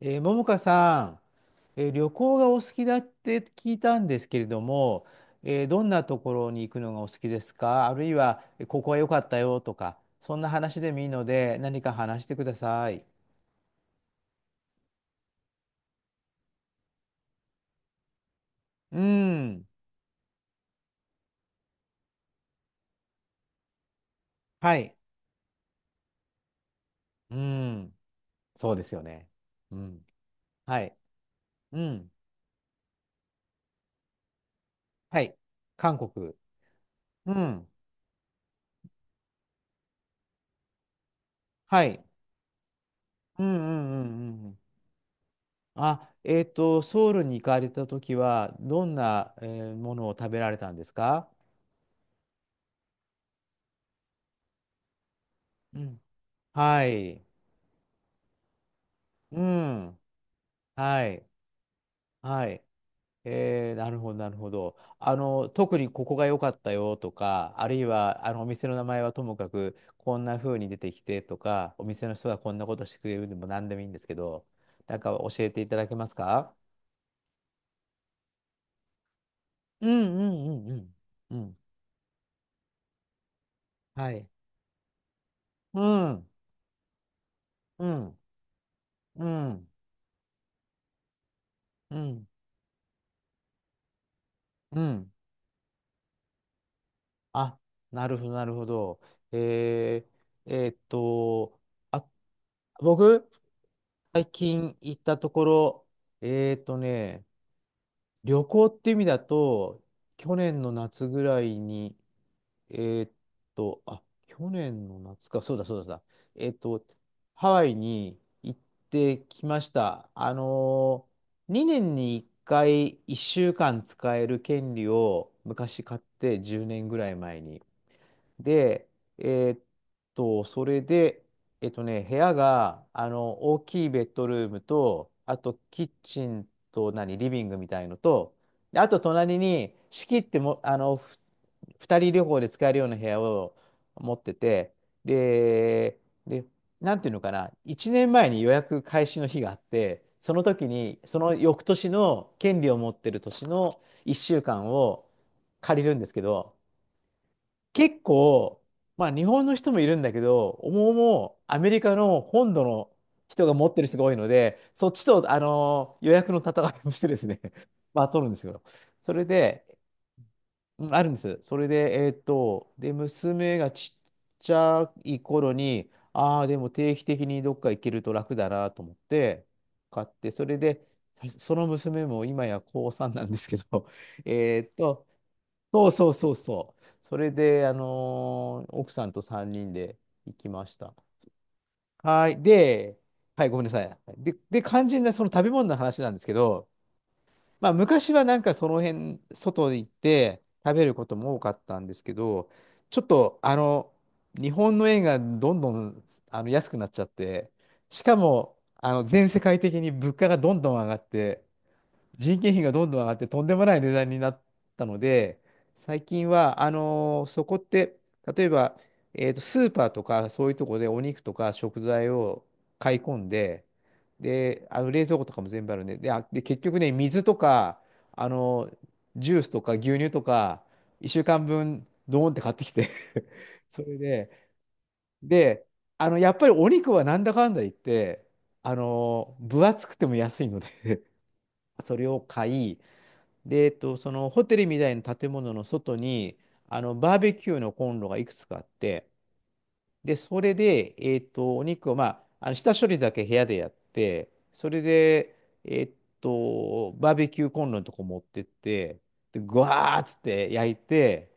ももかさん、旅行がお好きだって聞いたんですけれども、どんなところに行くのがお好きですか？あるいは、ここは良かったよとか、そんな話でもいいので、何か話してください。うん。はい。うん。そうですよね。うん。はい。うん。はい。韓国。うん。はい。うんうんうんうん。あ、ソウルに行かれたときは、どんな、ものを食べられたんですか？うん。はい。うん。はい。はい。えー、なるほど、なるほど。あの、特にここが良かったよとか、あるいは、あの、お店の名前はともかく、こんな風に出てきてとか、お店の人がこんなことしてくれるでも何でもいいんですけど、なんか教えていただけますか？うんうんうんうん。うん。はい。うん。うん。うん。うん。うん。あ、なるほど、なるほど。えー、えーっと、あ、僕、最近行ったところ、えーとね、旅行って意味だと、去年の夏ぐらいに、えーと、あ、去年の夏か、そうだそうだそうだ、えーと、ハワイに行ってきました。あのー、2年に1回1週間使える権利を昔買って10年ぐらい前に。で、えーっそれで、えっとね、部屋が、あの、大きいベッドルームと、あと、キッチンと、何、リビングみたいのと、であと、隣に、仕切っても、あの、二人旅行で使えるような部屋を持ってて、で、で、なんていうのかな、1年前に予約開始の日があって、その時に、その翌年の権利を持ってる年の1週間を借りるんですけど、結構、まあ日本の人もいるんだけど、思うもアメリカの本土の人が持ってる人が多いので、そっちと、あの予約の戦いをしてですね、 まあ取るんですよ。それで、うんあるんです。それで、娘がちっちゃい頃に、ああ、でも定期的にどっか行けると楽だなと思って、買って、それで、その娘も今や高3なんですけど、えっと、そうそうそうそう。それで、あのー奥さんと3人で行きました。はい。で、はい、ごめんなさい。で、で、肝心なその食べ物の話なんですけど、まあ、昔はなんかその辺、外で行って食べることも多かったんですけど、ちょっと、あの、日本の円がどんどんあの安くなっちゃって、しかも、あの、全世界的に物価がどんどん上がって、人件費がどんどん上がってとんでもない値段になったので、最近は、あのーそこって、例えば、スーパーとかそういうところでお肉とか食材を買い込んで、で、あの冷蔵庫とかも全部あるんで、で、あ、で、結局ね、水とか、あのージュースとか牛乳とか、1週間分、ドーンって買ってきて、 それで、で、あの、やっぱりお肉はなんだかんだ言って、あのー分厚くても安いのでそれを買い、で、そのホテルみたいな建物の外に、あの、バーベキューのコンロがいくつかあって、で、それで、お肉を、まあ、あの下処理だけ部屋でやって、それで、えっバーベキューコンロのとこ持ってって、で、ぐわーっつって焼いて、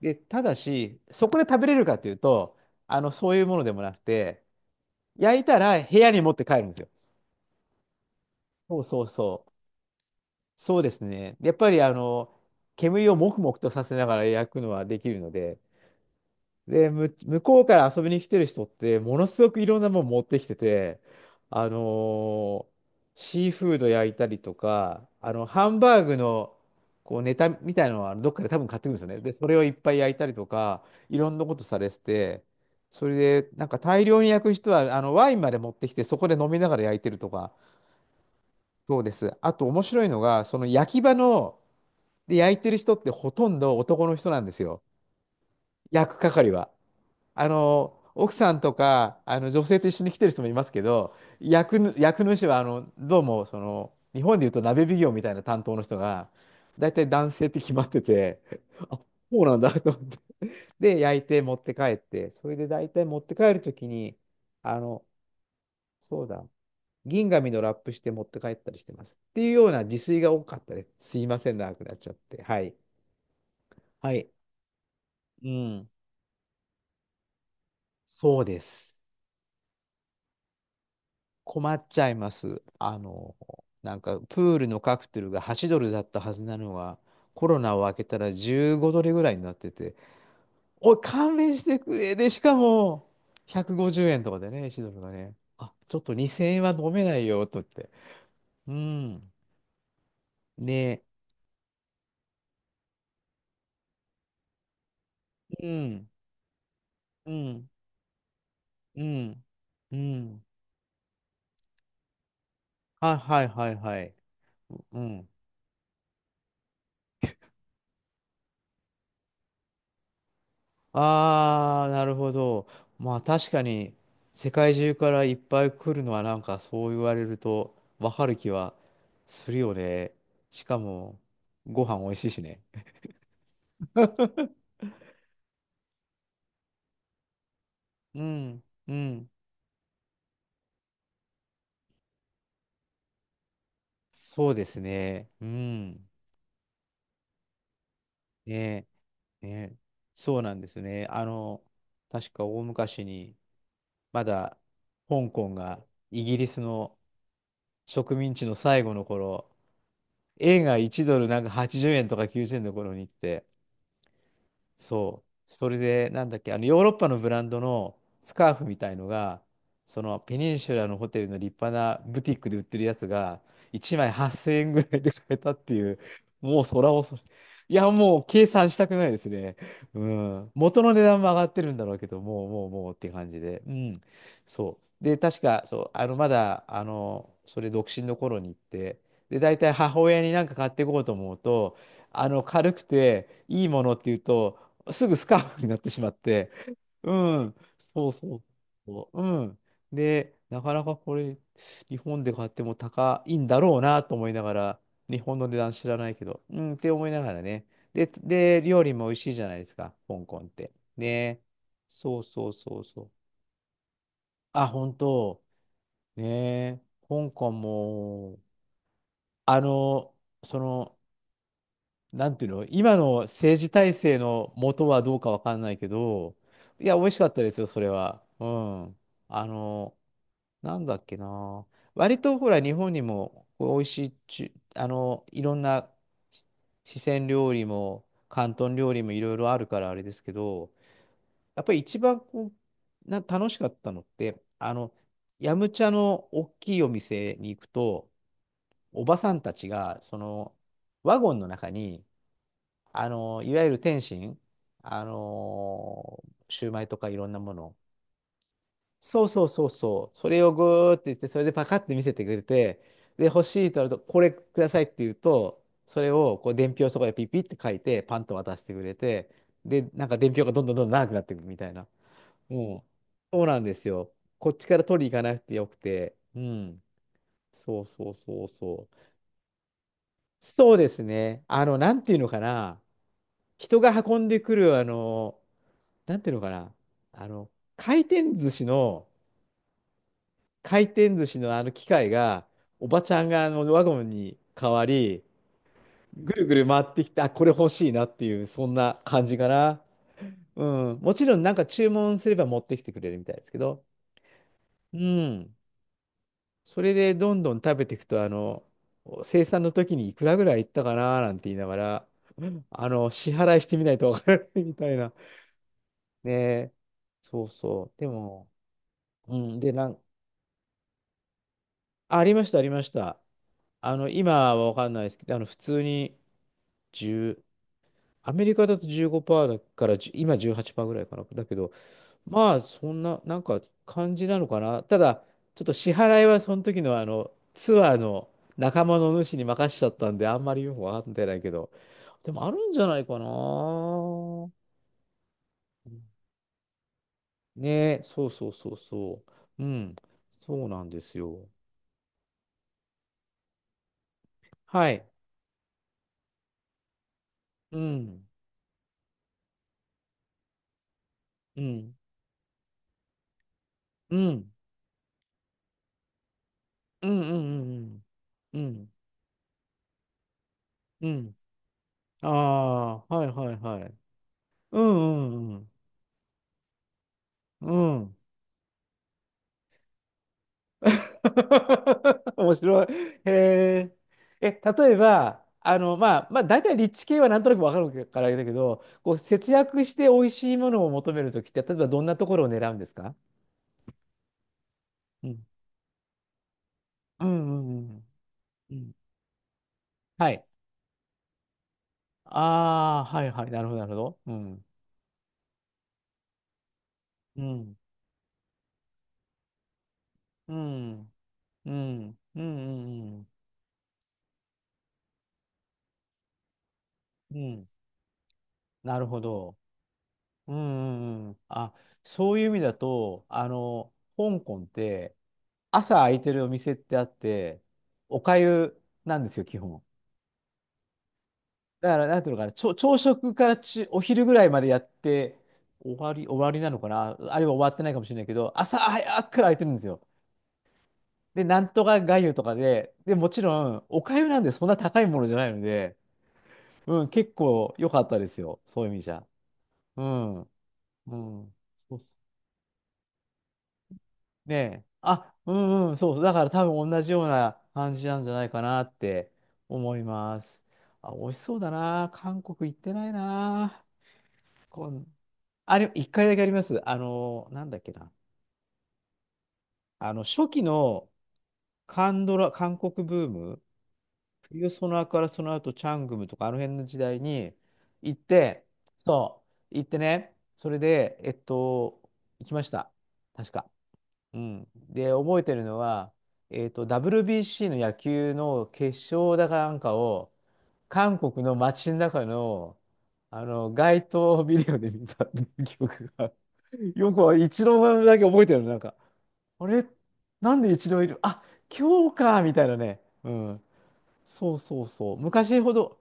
で、ただし、そこで食べれるかというと、あの、そういうものでもなくて、焼いたら部屋に持って帰るんですよ。そうそうそう。そうですね。やっぱりあの、煙をもくもくとさせながら焼くのはできるので、で、向こうから遊びに来てる人って、ものすごくいろんなもの持ってきてて、あのーシーフード焼いたりとか、あの、ハンバーグのこうネタみたいなのはどっかで多分買ってくるんですよね。で、それをいっぱい焼いたりとか、いろんなことされてて、それで、なんか大量に焼く人は、あの、ワインまで持ってきて、そこで飲みながら焼いてるとか、そうです。あと面白いのが、その焼き場の、で、焼いてる人ってほとんど男の人なんですよ。焼く係は。あの、奥さんとか、あの、女性と一緒に来てる人もいますけど、焼く主は、あの、どうも、その、日本でいうと鍋奉行みたいな担当の人が、大体男性って決まってて、あ、そうなんだと思って。で、焼いて持って帰って、それで大体持って帰るときに、あの、そうだ、銀紙のラップして持って帰ったりしてます。っていうような自炊が多かったです。すいません、長くなっちゃって。はい。はい。うん。そうです。困っちゃいます。あの、なんかプールのカクテルが8ドルだったはずなのが、コロナを明けたら15ドルぐらいになってて、おい、勘弁してくれ。で、しかも、150円とかでね、1ドルがね、あ、ちょっと2000円は飲めないよ、と言って。うん。ねえ、うん、うん、うん、うん。はいはいはいはい。うん。ああ、なるほど。まあ確かに世界中からいっぱい来るのはなんかそう言われるとわかる気はするよね。しかもご飯美味しいしね。うん、うん。そうですね。うん。ねえねえそうなんですね。あの、確か大昔にまだ香港がイギリスの植民地の最後の頃、円が1ドルなんか80円とか90円の頃に行って、そう。それで、なんだっけ、あの、ヨーロッパのブランドのスカーフみたいのが、そのペニンシュラのホテルの立派なブティックで売ってるやつが、1枚8000円ぐらいで買えたっていう、もう空恐れ。いや、もう計算したくないですね。うん。元の値段も上がってるんだろうけど、もう、もう、もうって感じで。うん。そう。で、確か、そう、あの、まだ、あの、それ独身の頃に行って、で、大体母親になんか買っていこうと思うと、あの、軽くて、いいものっていうと、すぐスカーフになってしまって、うん、そうそうそう、うん。で、なかなかこれ、日本で買っても高いんだろうなと思いながら、日本の値段知らないけど、うん、って思いながらね。で、で、料理も美味しいじゃないですか、香港って。ね。そうそうそうそう。あ、本当。ねえ。香港も、あの、その、なんていうの、今の政治体制の元はどうかわかんないけど、いや、美味しかったですよ、それは。うん。あの、なんだっけな。割とほら、日本にもこう美味しいいろんなし四川料理も、広東料理もいろいろあるからあれですけど、やっぱり一番こう、楽しかったのって、ヤムチャの大きいお店に行くと、おばさんたちが、ワゴンの中に、いわゆる点心、あの、シューマイとかいろんなもの。そうそうそうそう。それをぐーって言って、それでパカって見せてくれて、で、欲しいとなると、これくださいって言うと、それをこう伝票をそこでピピって書いて、パンと渡してくれて、で、なんか伝票がどんどんどんどん長くなっていくみたいな。うん。そうなんですよ。こっちから取りに行かなくてよくて。うん。そうそうそうそう。そうですね。なんていうのかな。人が運んでくる、なんていうのかな、あの、回転寿司の、回転寿司のあの機械が、おばちゃんがあのワゴンに変わり、ぐるぐる回ってきて、あ、これ欲しいなっていう、そんな感じかな。うん。もちろんなんか注文すれば持ってきてくれるみたいですけど、うん。それでどんどん食べていくと、生産の時にいくらぐらいいったかななんて言いながら、支払いしてみないとわからないみたいな。ねえ。そうそう。でも、うん。で、ありました、ありました。今はわかんないですけど、普通に10、アメリカだと15%だから10、じゅう、今18%ぐらいかな。だけど、まあ、そんな、なんか感じなのかな。ただ、ちょっと支払いはその時のツアーの仲間の主に任しちゃったんで、あんまりよくわかってないけど、でもあるんじゃないかな。ねえ、そうそうそうそう。うん、そうなんですよ。はい。うん、うん、うん。うんうんうんうん。うん。うん。ああ、はいはいはい。うんうんうん。うん。面白い。へえ。え、例えば、まあ、まあ、大体立地系はなんとなくわかるからあれだけど、こう、節約して美味しいものを求めるときって、例えばどんなところを狙うんですか？うん。うんうんうんうん。はい。ああ、はいはい。なるほど、なるほど。うん。うん。うん。うん。うん。うん。うん。うん。なるほど。うんうんうん。あ、そういう意味だと、香港って、朝空いてるお店ってあって、お粥なんですよ、基本。だから、なんていうのかな、朝食からお昼ぐらいまでやって、終わりなのかな、あるいは終わってないかもしれないけど、朝早くから空いてるんですよ。で、なんとか粥とかで、で、もちろん、お粥なんでそんな高いものじゃないので、うん、結構良かったですよ、そういう意味じゃ。うん、うん。そう、ねえ。あ、うんうん、そうそう。だから多分同じような感じなんじゃないかなって思います。あ、美味しそうだな。韓国行ってないな。こんあれ、一回だけあります。なんだっけな。初期の韓ドラ、韓国ブーム、冬ソナからその後、チャングムとか、あの辺の時代に行って、そ行ってね、それで、行きました。確か。うん。で、覚えてるのは、WBC の野球の決勝だかなんかを、韓国の街の中の、街頭ビデオで見たっていう記憶が、よく一郎だけ覚えてるの、なんか、あれ、なんで一郎いるあ、今日か、みたいなね。うん。そうそうそう。昔ほど、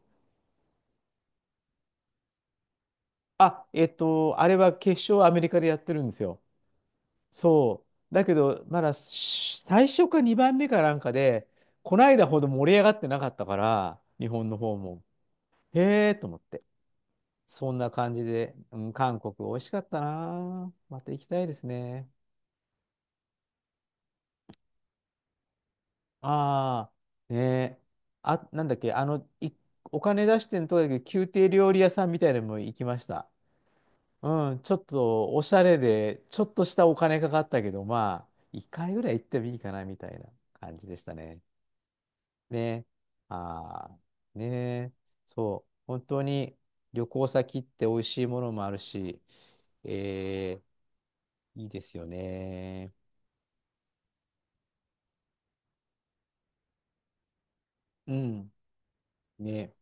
あ、あれは決勝アメリカでやってるんですよ。そう。だけど、まだし最初か2番目かなんかで、こないだほど盛り上がってなかったから、日本の方も。へえと思って。そんな感じで、うん、韓国美味しかったな。また行きたいですね。ああ、ねえ。あ、なんだっけ、お金出してんとこだけど、宮廷料理屋さんみたいなのも行きました。うん、ちょっとおしゃれで、ちょっとしたお金かかったけど、まあ、1回ぐらい行ってもいいかなみたいな感じでしたね。ね。ああ、ねえ。そう。本当に旅行先って美味しいものもあるし、えーいいですよね。うん。ね。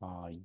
はい。